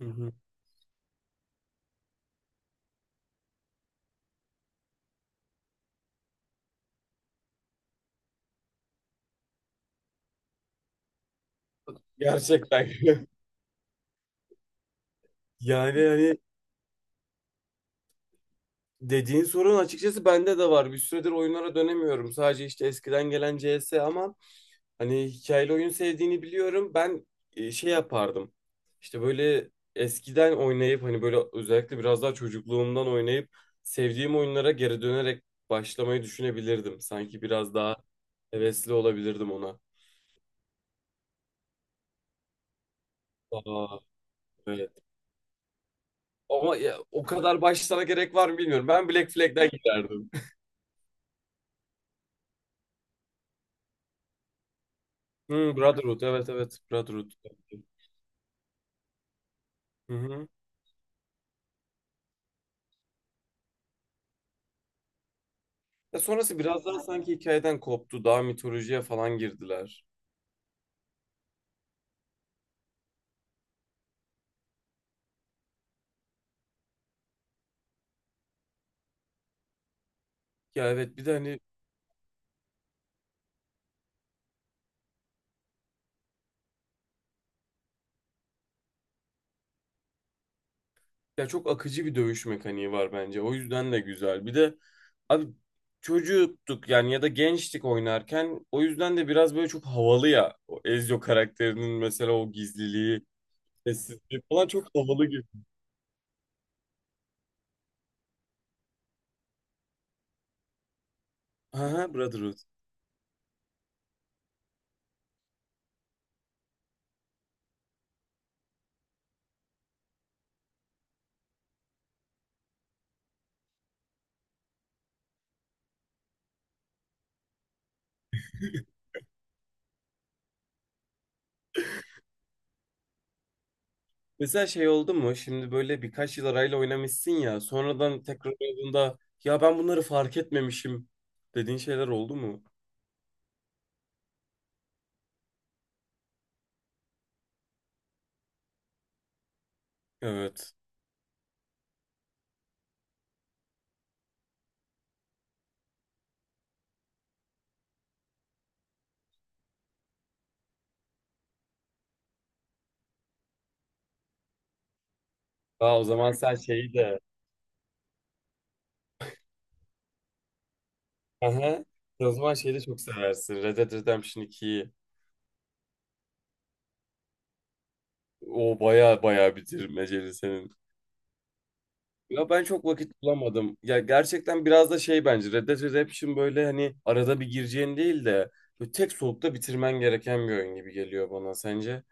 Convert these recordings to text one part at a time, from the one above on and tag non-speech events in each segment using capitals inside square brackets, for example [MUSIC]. Hı hı. Gerçekten. [LAUGHS] Yani hani dediğin sorun açıkçası bende de var. Bir süredir oyunlara dönemiyorum. Sadece işte eskiden gelen CS ama hani hikayeli oyun sevdiğini biliyorum. Ben şey yapardım. İşte böyle eskiden oynayıp hani böyle özellikle biraz daha çocukluğumdan oynayıp sevdiğim oyunlara geri dönerek başlamayı düşünebilirdim. Sanki biraz daha hevesli olabilirdim ona. Aa, evet. Ama ya, o kadar başlara gerek var mı bilmiyorum. Ben Black Flag'den giderdim. [LAUGHS] Brotherhood, evet, evet, Brotherhood. Hı hı. Ya sonrası biraz daha sanki hikayeden koptu. Daha mitolojiye falan girdiler. Ya evet bir de hani. Ya çok akıcı bir dövüş mekaniği var bence. O yüzden de güzel. Bir de abi çocuktuk yani ya da gençtik oynarken. O yüzden de biraz böyle çok havalı ya. O Ezio karakterinin mesela o gizliliği, sessizliği falan çok havalı gibi. Aha, Brotherhood. Mesela şey oldu mu? Şimdi böyle birkaç yıl arayla oynamışsın ya. Sonradan tekrar oynadığında ya ben bunları fark etmemişim dediğin şeyler oldu mu? Evet. Aa, o zaman sen şeyi de. Aha. Sen o zaman şeyi de çok seversin. Red Dead Redemption 2'yi. O baya baya bitirmeceli senin. Ya ben çok vakit bulamadım. Ya gerçekten biraz da şey bence Red Dead Redemption böyle hani arada bir gireceğin değil de böyle tek solukta bitirmen gereken bir oyun gibi geliyor bana sence.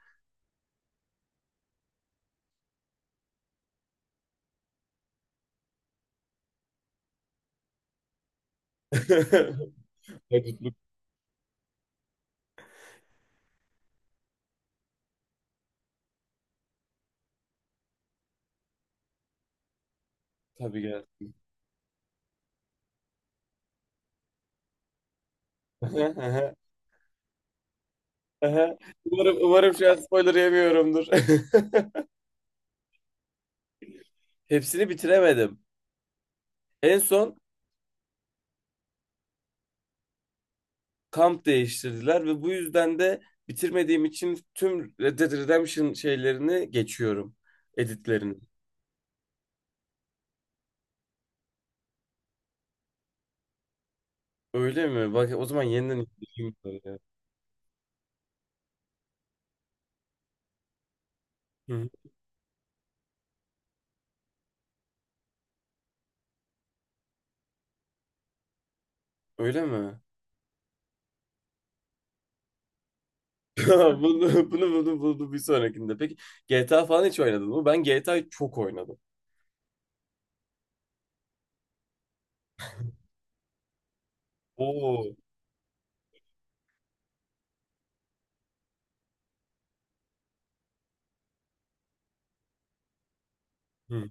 [LAUGHS] Ne, tabii gel. [LAUGHS] Umarım, umarım şu an spoiler yemiyorumdur. [LAUGHS] Hepsini bitiremedim. En son kamp değiştirdiler ve bu yüzden de bitirmediğim için tüm Red Dead Redemption şeylerini geçiyorum. Editlerini. Öyle mi? Bak o zaman yeniden izleyeyim bunları ya. Hı hı. Öyle mi? [LAUGHS] Bunu, bunu bir sonrakinde. Peki GTA falan hiç oynadın mı? Ben GTA'yı çok oynadım. Oo. Hı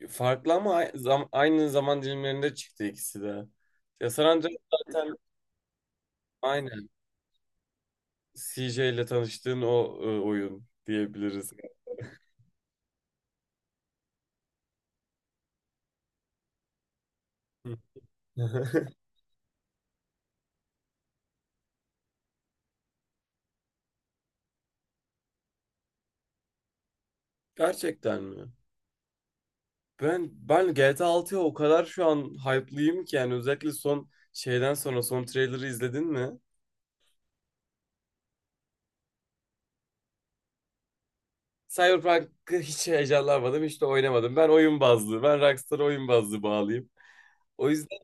hı. Farklı ama aynı zaman dilimlerinde çıktı ikisi de. Ya San Andreas zaten aynen CJ ile tanıştığın o oyun diyebiliriz. Hı. [LAUGHS] Gerçekten mi? Ben GTA 6'ya o kadar şu an hype'lıyım ki yani özellikle son şeyden sonra son trailer'ı izledin mi? Cyberpunk'ı hiç heyecanlanmadım, hiç de oynamadım. Ben oyun bazlı, ben Rockstar oyun bazlı bağlıyım. O yüzden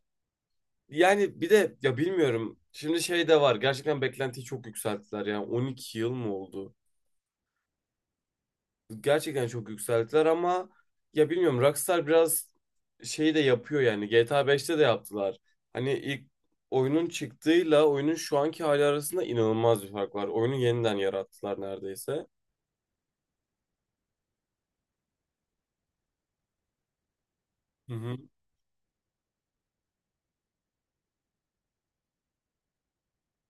yani bir de ya bilmiyorum. Şimdi şey de var. Gerçekten beklentiyi çok yükselttiler. Yani 12 yıl mı oldu? Gerçekten çok yükselttiler ama ya bilmiyorum Rockstar biraz şey de yapıyor yani. GTA 5'te de yaptılar. Hani ilk oyunun çıktığıyla oyunun şu anki hali arasında inanılmaz bir fark var. Oyunu yeniden yarattılar neredeyse. Hı hı.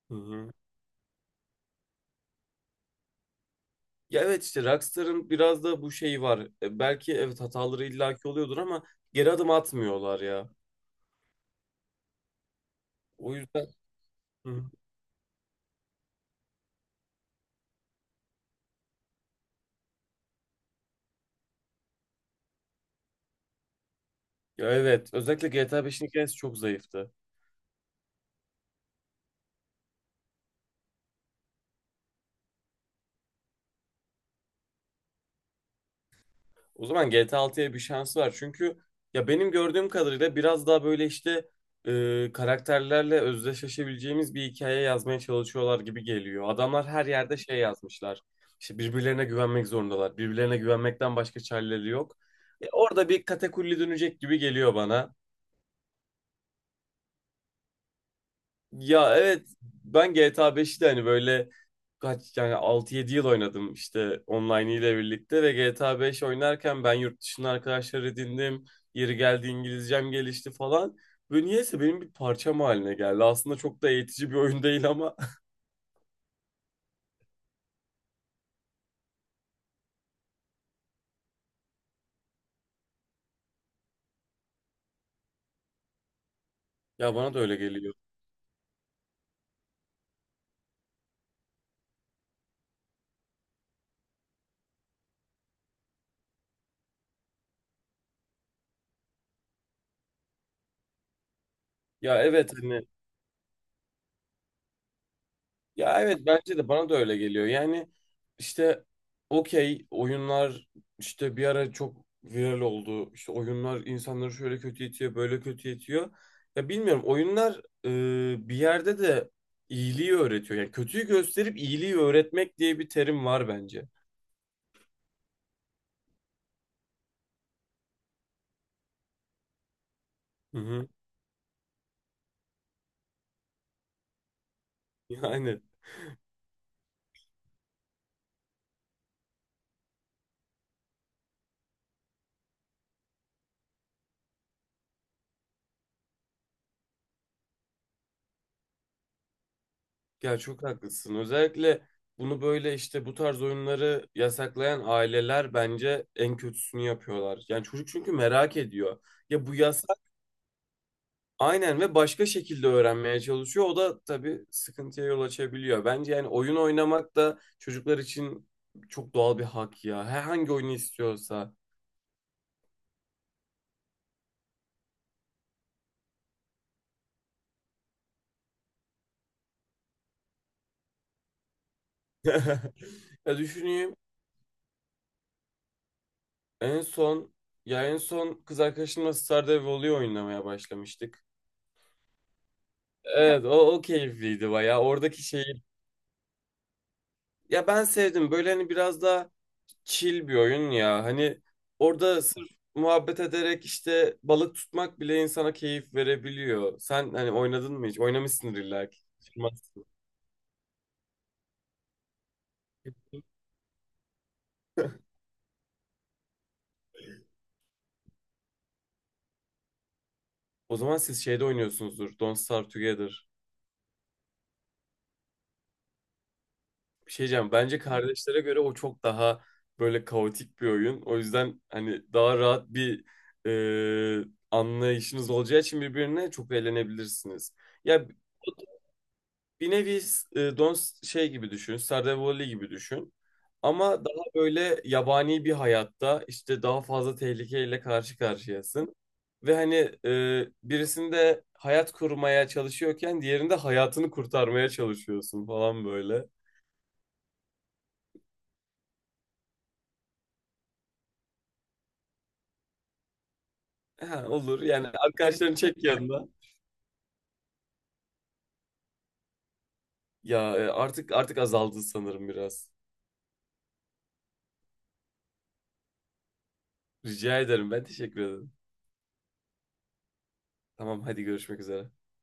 Hı hı. Ya evet işte Rockstar'ın biraz da bu şeyi var. Belki evet hataları illaki oluyordur ama geri adım atmıyorlar ya. O yüzden. Hı hı. Ya evet özellikle GTA 5'in hikayesi çok zayıftı. O zaman GTA 6'ya bir şans var. Çünkü ya benim gördüğüm kadarıyla biraz daha böyle işte karakterlerle özdeşleşebileceğimiz bir hikaye yazmaya çalışıyorlar gibi geliyor. Adamlar her yerde şey yazmışlar. İşte birbirlerine güvenmek zorundalar. Birbirlerine güvenmekten başka çareleri yok. Orada bir katakulli dönecek gibi geliyor bana. Ya evet ben GTA 5'i de hani böyle kaç yani 6-7 yıl oynadım işte online ile birlikte ve GTA 5 oynarken ben yurt dışında arkadaşlar edindim. Yeri geldi İngilizcem gelişti falan. Ve niyeyse benim bir parçam haline geldi. Aslında çok da eğitici bir oyun değil ama [LAUGHS] ya bana da öyle geliyor. Ya evet hani. Ya evet bence de bana da öyle geliyor. Yani işte okey oyunlar işte bir ara çok viral oldu. İşte oyunlar insanları şöyle kötü itiyor, böyle kötü itiyor. Ya bilmiyorum oyunlar bir yerde de iyiliği öğretiyor. Yani kötüyü gösterip iyiliği öğretmek diye bir terim var bence. Hı hı. [LAUGHS] Yani ya çok haklısın. Özellikle bunu böyle işte bu tarz oyunları yasaklayan aileler bence en kötüsünü yapıyorlar. Yani çocuk çünkü merak ediyor. Ya bu yaz. Aynen ve başka şekilde öğrenmeye çalışıyor. O da tabii sıkıntıya yol açabiliyor. Bence yani oyun oynamak da çocuklar için çok doğal bir hak ya. Herhangi oyunu istiyorsa. [LAUGHS] Ya düşüneyim. En son en son kız arkadaşımla Stardew Valley oynamaya başlamıştık. Evet o keyifliydi bayağı. Oradaki şeyi ya ben sevdim. Böyle hani biraz daha chill bir oyun ya. Hani orada sırf muhabbet ederek işte balık tutmak bile insana keyif verebiliyor. Sen hani oynadın mı hiç? Oynamışsındır illa ki. Çıkmaz. O zaman siz şeyde oynuyorsunuzdur. Don't Starve Together. Bir şey diyeceğim. Bence kardeşlere göre o çok daha böyle kaotik bir oyun. O yüzden hani daha rahat bir e, anlayışınız olacağı için birbirine çok eğlenebilirsiniz. Ya bir nevi e, Don şey gibi düşün, Stardew Valley gibi düşün. Ama daha böyle yabani bir hayatta işte daha fazla tehlikeyle karşı karşıyasın. Ve hani birisinde hayat kurmaya çalışıyorken diğerinde hayatını kurtarmaya çalışıyorsun falan böyle. Ha, olur yani arkadaşlarını çek yanına. Ya artık azaldı sanırım biraz. Rica ederim ben teşekkür ederim. Tamam hadi görüşmek üzere.